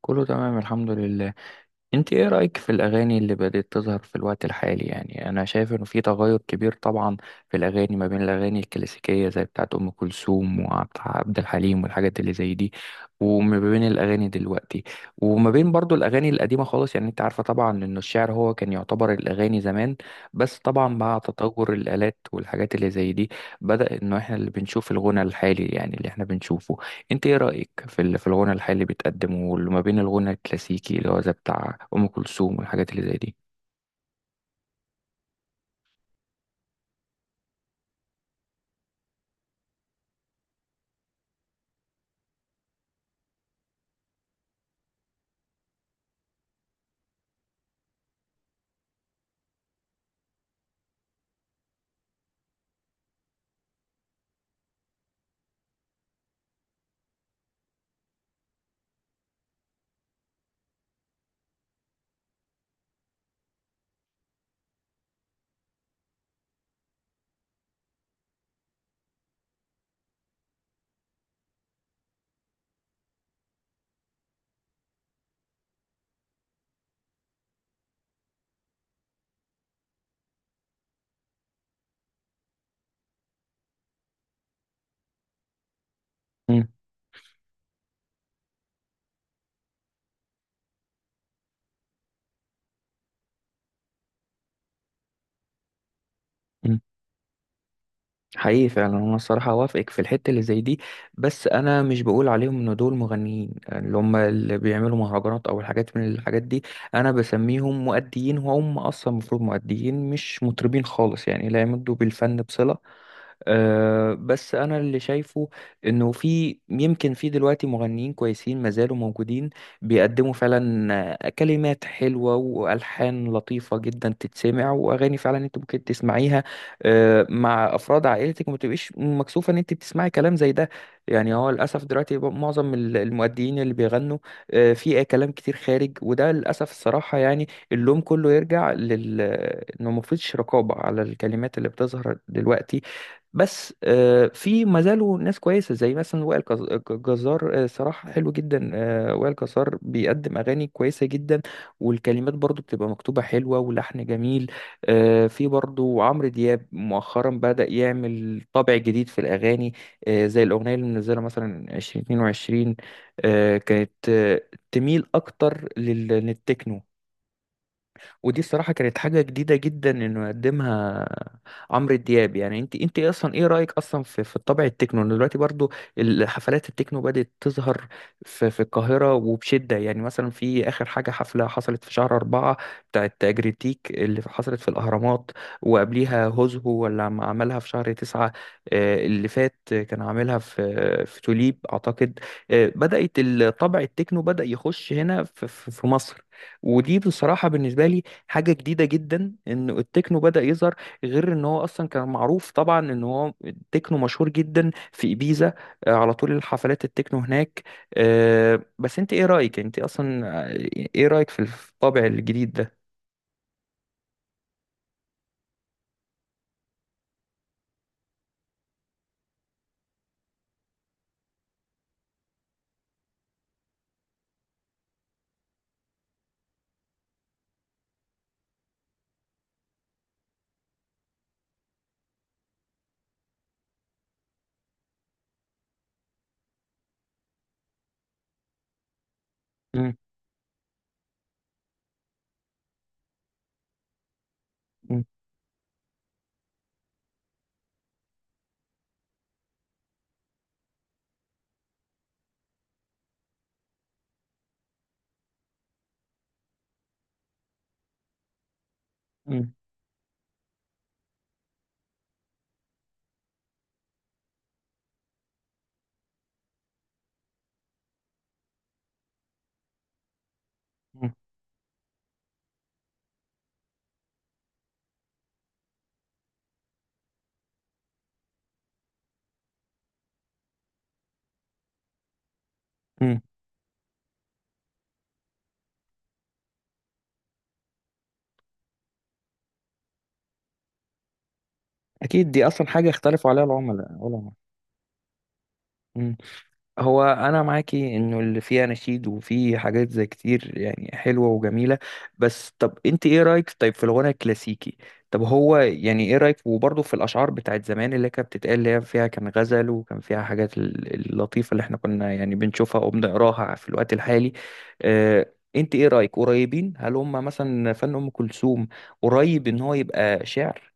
كله تمام، الحمد لله. انت ايه رأيك في الاغاني اللي بدأت تظهر في الوقت الحالي؟ يعني انا شايف انه في تغير كبير طبعا في الاغاني، ما بين الاغاني الكلاسيكية زي بتاعت ام كلثوم وعبد عبد الحليم والحاجات اللي زي دي، وما بين الاغاني دلوقتي، وما بين برضو الاغاني القديمة خالص. يعني انت عارفة طبعا ان الشعر هو كان يعتبر الاغاني زمان، بس طبعا مع تطور الالات والحاجات اللي زي دي بدأ انه احنا اللي بنشوف الغنى الحالي، يعني اللي احنا بنشوفه. انت ايه رأيك في في الغنى الحالي اللي بيتقدم، واللي ما بين الغنى الكلاسيكي اللي هو زي بتاع ام كلثوم والحاجات اللي زي دي؟ مم. مم. حقيقي فعلا انا الصراحه اوافقك في الحته اللي زي دي. بس انا مش بقول عليهم ان دول مغنيين، اللي هم اللي بيعملوا مهرجانات او الحاجات من الحاجات دي. انا بسميهم مؤديين، وهم اصلا المفروض مؤديين مش مطربين خالص، يعني لا يمدوا بالفن بصله. أه، بس انا اللي شايفه انه في، يمكن في دلوقتي مغنيين كويسين ما زالوا موجودين بيقدموا فعلا كلمات حلوة والحان لطيفة جدا تتسمع، واغاني فعلا انت ممكن تسمعيها أه مع افراد عائلتك وما تبقيش مكسوفة ان انت بتسمعي كلام زي ده. يعني هو للاسف دلوقتي بقى معظم المؤديين اللي بيغنوا أه في كلام كتير خارج، وده للاسف الصراحة يعني اللوم كله يرجع لل انه مفيش رقابة على الكلمات اللي بتظهر دلوقتي. بس في ما زالوا ناس كويسه زي مثلا وائل جزار. صراحه حلو جدا. وائل جزار بيقدم اغاني كويسه جدا، والكلمات برضو بتبقى مكتوبه حلوه ولحن جميل. في برضو عمرو دياب مؤخرا بدأ يعمل طابع جديد في الاغاني، زي الاغنيه اللي منزلها مثلا 2022. كانت تميل اكتر للتكنو. ودي الصراحة كانت حاجة جديدة جدا انه يقدمها عمرو دياب. يعني انت، انت ايه رأيك اصلا في الطابع التكنو ان دلوقتي برضو الحفلات التكنو بدأت تظهر في القاهرة وبشدة؟ يعني مثلا في اخر حاجة، حفلة حصلت في شهر 4 بتاعت جريتيك اللي حصلت في الأهرامات، وقبليها هوزهو، ولا لما عملها في شهر 9 اللي فات كان عاملها في توليب أعتقد. بدأت الطابع التكنو بدأ يخش هنا في في مصر. ودي بصراحة بالنسبة لي حاجة جديدة جدا، ان التكنو بدأ يظهر، غير ان هو اصلا كان معروف طبعا ان هو التكنو مشهور جدا في إبيزا. على طول الحفلات التكنو هناك. بس انت ايه رأيك انت اصلا، آه، ايه رأيك في الطابع الجديد ده؟ مم. مم. مم. مم. مم. اكيد دي اصلا حاجة اختلفوا عليها العملاء. مم. هو انا معاكي انه اللي فيه اناشيد وفيه حاجات زي كتير يعني حلوه وجميله، بس طب انت ايه رايك طيب في الغنى الكلاسيكي؟ طب هو يعني ايه رايك وبرضه في الاشعار بتاعت زمان اللي كانت بتتقال، اللي هي فيها كان غزل وكان فيها حاجات اللطيفه اللي احنا كنا يعني بنشوفها وبنقراها في الوقت الحالي؟ اه، انت ايه رايك؟ قريبين هل هم مثلا فن ام كلثوم قريب ان هو يبقى شعر؟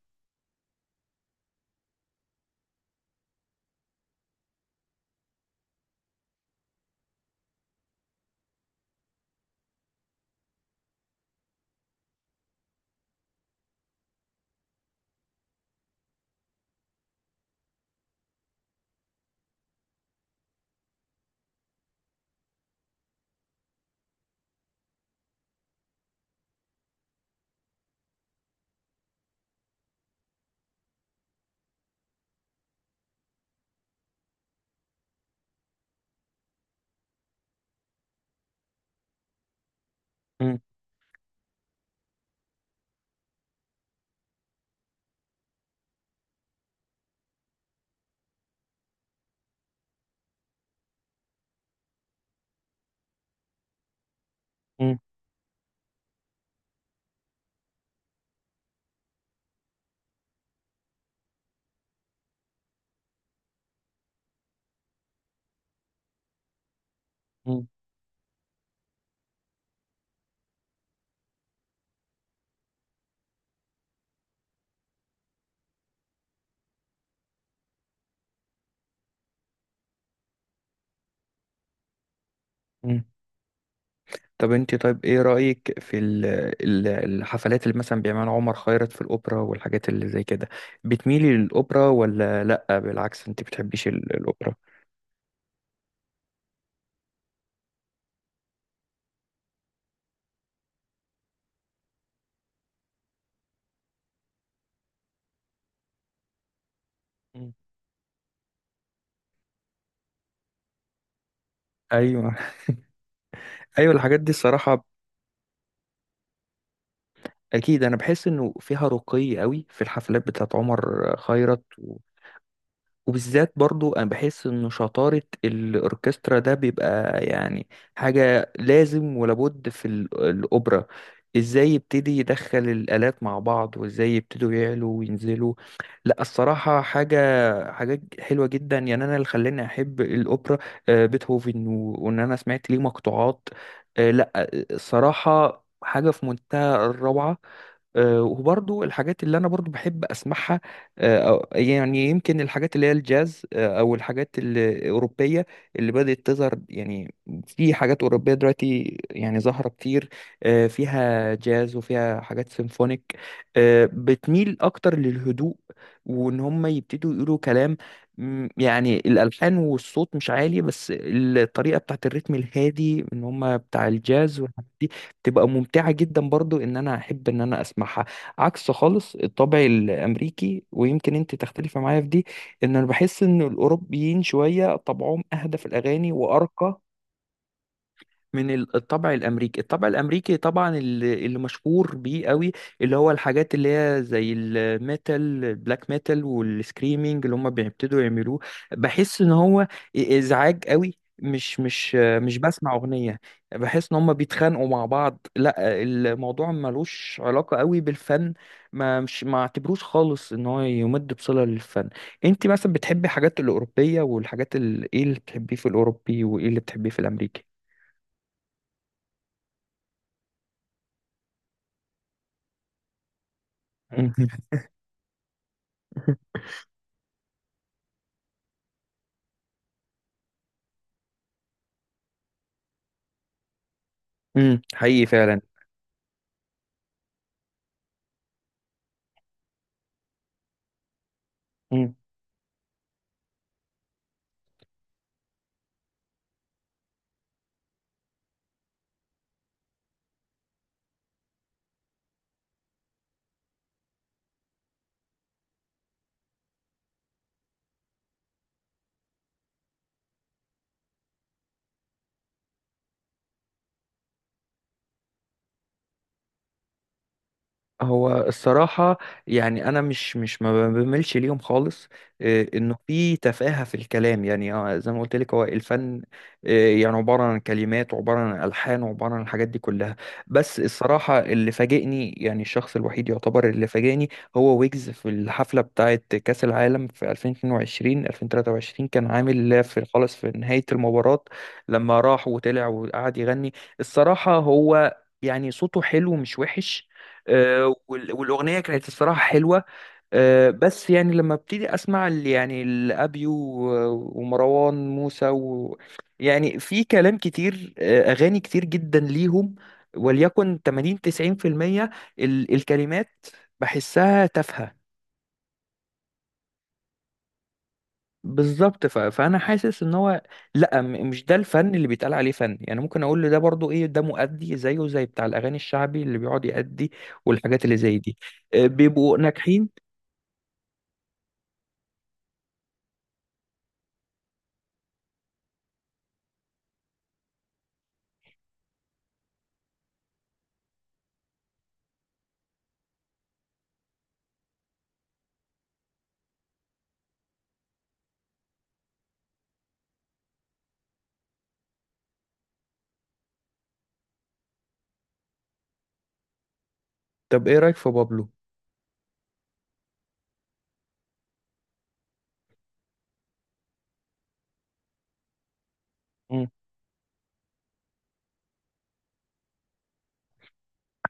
مم. مم. مم. طب انت طيب ايه رأيك في الحفلات اللي مثلا بيعملها عمر خيرت في الأوبرا والحاجات اللي زي كده؟ بتميلي للأوبرا ولا لأ، بالعكس انت بتحبيش الأوبرا؟ مم. ايوه. ايوه، الحاجات دي الصراحة اكيد انا بحس انه فيها رقي قوي في الحفلات بتاعت عمر خيرت. وبالذات برضو انا بحس ان شطارة الاوركسترا ده بيبقى يعني حاجة لازم ولابد في الاوبرا، ازاي يبتدي يدخل الالات مع بعض، وازاي يبتدوا يعلوا وينزلوا. لا، الصراحة حاجة، حاجات حلوة جدا. يعني انا اللي خلاني احب الاوبرا بيتهوفن، و- وان انا سمعت ليه مقطوعات لا الصراحة حاجة في منتهى الروعة. وبرضو الحاجات اللي انا برضو بحب اسمعها، يعني يمكن الحاجات اللي هي الجاز، او الحاجات الاوروبيه اللي بدات تظهر. يعني في حاجات اوروبيه دلوقتي يعني ظاهره كتير، فيها جاز وفيها حاجات سيمفونيك. بتميل اكتر للهدوء، وان هم يبتدوا يقولوا كلام. يعني الالحان والصوت مش عالي، بس الطريقه بتاعت الريتم الهادي ان هم بتاع الجاز والحاجات دي تبقى ممتعة جدا برضو، ان انا احب ان انا اسمعها. عكس خالص الطبع الامريكي، ويمكن انت تختلفي معايا في دي، ان انا بحس ان الاوروبيين شوية طبعهم اهدى في الاغاني وارقى من الطبع الامريكي. الطبع الامريكي طبعا اللي مشهور بيه قوي اللي هو الحاجات اللي هي زي الميتال، البلاك ميتال، والسكريمينج اللي هم بيبتدوا يعملوه. بحس ان هو ازعاج قوي، مش بسمع اغنيه. بحس ان هم بيتخانقوا مع بعض، لا الموضوع ملوش علاقه قوي بالفن. ما مش ما اعتبروش خالص ان هو يمد بصله للفن. انت مثلا بتحبي حاجات الاوروبيه والحاجات ايه اللي بتحبيه في الاوروبي وايه اللي بتحبيه في الامريكي؟ امم، حقيقي فعلا. مم. هو الصراحة يعني أنا مش ما بملش ليهم خالص. إنه في تفاهة في الكلام، يعني زي ما قلت لك هو الفن يعني عبارة عن كلمات وعبارة عن ألحان وعبارة عن الحاجات دي كلها. بس الصراحة اللي فاجئني، يعني الشخص الوحيد يعتبر اللي فاجئني هو ويجز في الحفلة بتاعة كأس العالم في 2022 2023، كان عامل في خلاص في نهاية المباراة لما راح وطلع وقعد يغني. الصراحة هو يعني صوته حلو مش وحش. آه، وال- والاغنيه كانت الصراحه حلوه. بس يعني لما ابتدي اسمع يعني الابيو ومروان موسى و، يعني في كلام كتير، اغاني كتير جدا ليهم، وليكن 80 90% الكلمات بحسها تافهه. بالظبط. ف... فانا حاسس ان هو، لا، مش ده الفن اللي بيتقال عليه فن، يعني ممكن اقول له ده برضو ايه، ده مؤدي زيه زي بتاع الاغاني الشعبي اللي بيقعد يأدي والحاجات اللي زي دي. بيبقوا ناجحين. طب ايه رأيك في بابلو؟ مم.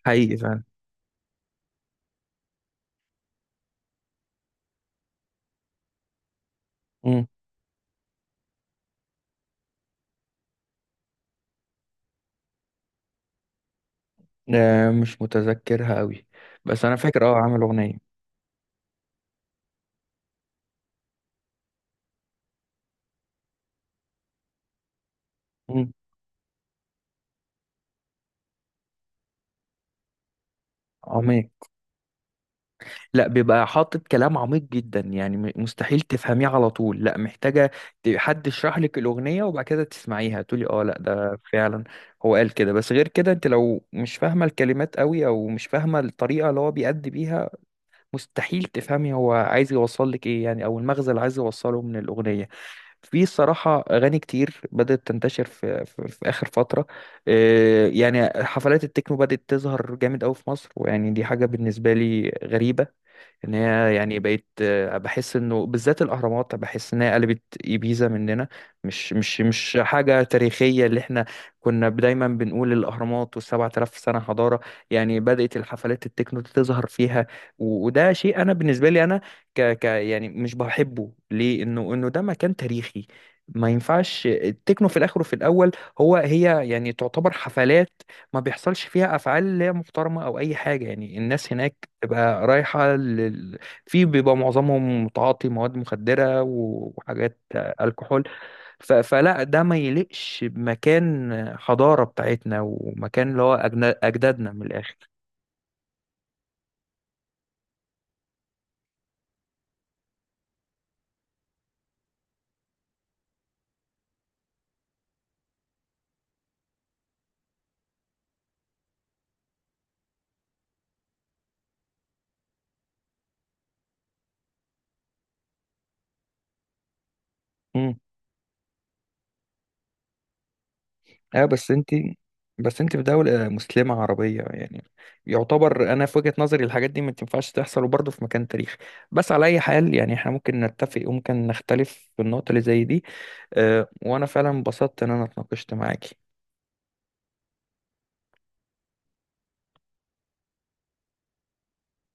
حقيقي فعلا. مم. آه، مش متذكرها قوي بس انا فاكر اه عامل اغنية. مم. عميق. لا، بيبقى حاطط كلام عميق جدا، يعني مستحيل تفهميه على طول، لا محتاجة حد يشرح لك الأغنية وبعد كده تسمعيها تقولي اه لا، ده فعلا هو قال كده. بس غير كده انت لو مش فاهمة الكلمات قوي او مش فاهمة الطريقة اللي هو بيأدي بيها، مستحيل تفهمي هو عايز يوصل لك ايه يعني، او المغزى اللي عايز يوصله من الاغنيه. في الصراحة أغاني كتير بدأت تنتشر في آخر فترة. يعني حفلات التكنو بدأت تظهر جامد أوي في مصر، ويعني دي حاجة بالنسبة لي غريبة، ان هي يعني بقيت. بحس انه بالذات الاهرامات بحس ان هي قلبت ايبيزا مننا. مش حاجه تاريخيه. اللي احنا كنا دايما بنقول الاهرامات و7000 سنه حضاره، يعني بدات الحفلات التكنو تظهر فيها. و- وده شيء انا بالنسبه لي انا ك ك يعني مش بحبه ليه، انه ده مكان تاريخي، ما ينفعش التكنو في الاخر وفي الاول. هو هي يعني تعتبر حفلات ما بيحصلش فيها افعال لا محترمه او اي حاجه، يعني الناس هناك تبقى رايحة لل... في بيبقى معظمهم متعاطي مواد مخدرة و- وحاجات الكحول. ف... فلا، ده ما يليقش بمكان حضارة بتاعتنا ومكان اللي هو أجدادنا من الآخر. امم، اه بس انت، بس انت في دولة مسلمة عربية، يعني يعتبر انا في وجهة نظري الحاجات دي ما تنفعش تحصل، وبرضه في مكان تاريخي. بس على اي حال يعني احنا ممكن نتفق وممكن نختلف في النقطة اللي زي دي. وانا فعلا انبسطت ان انا اتناقشت معاكي.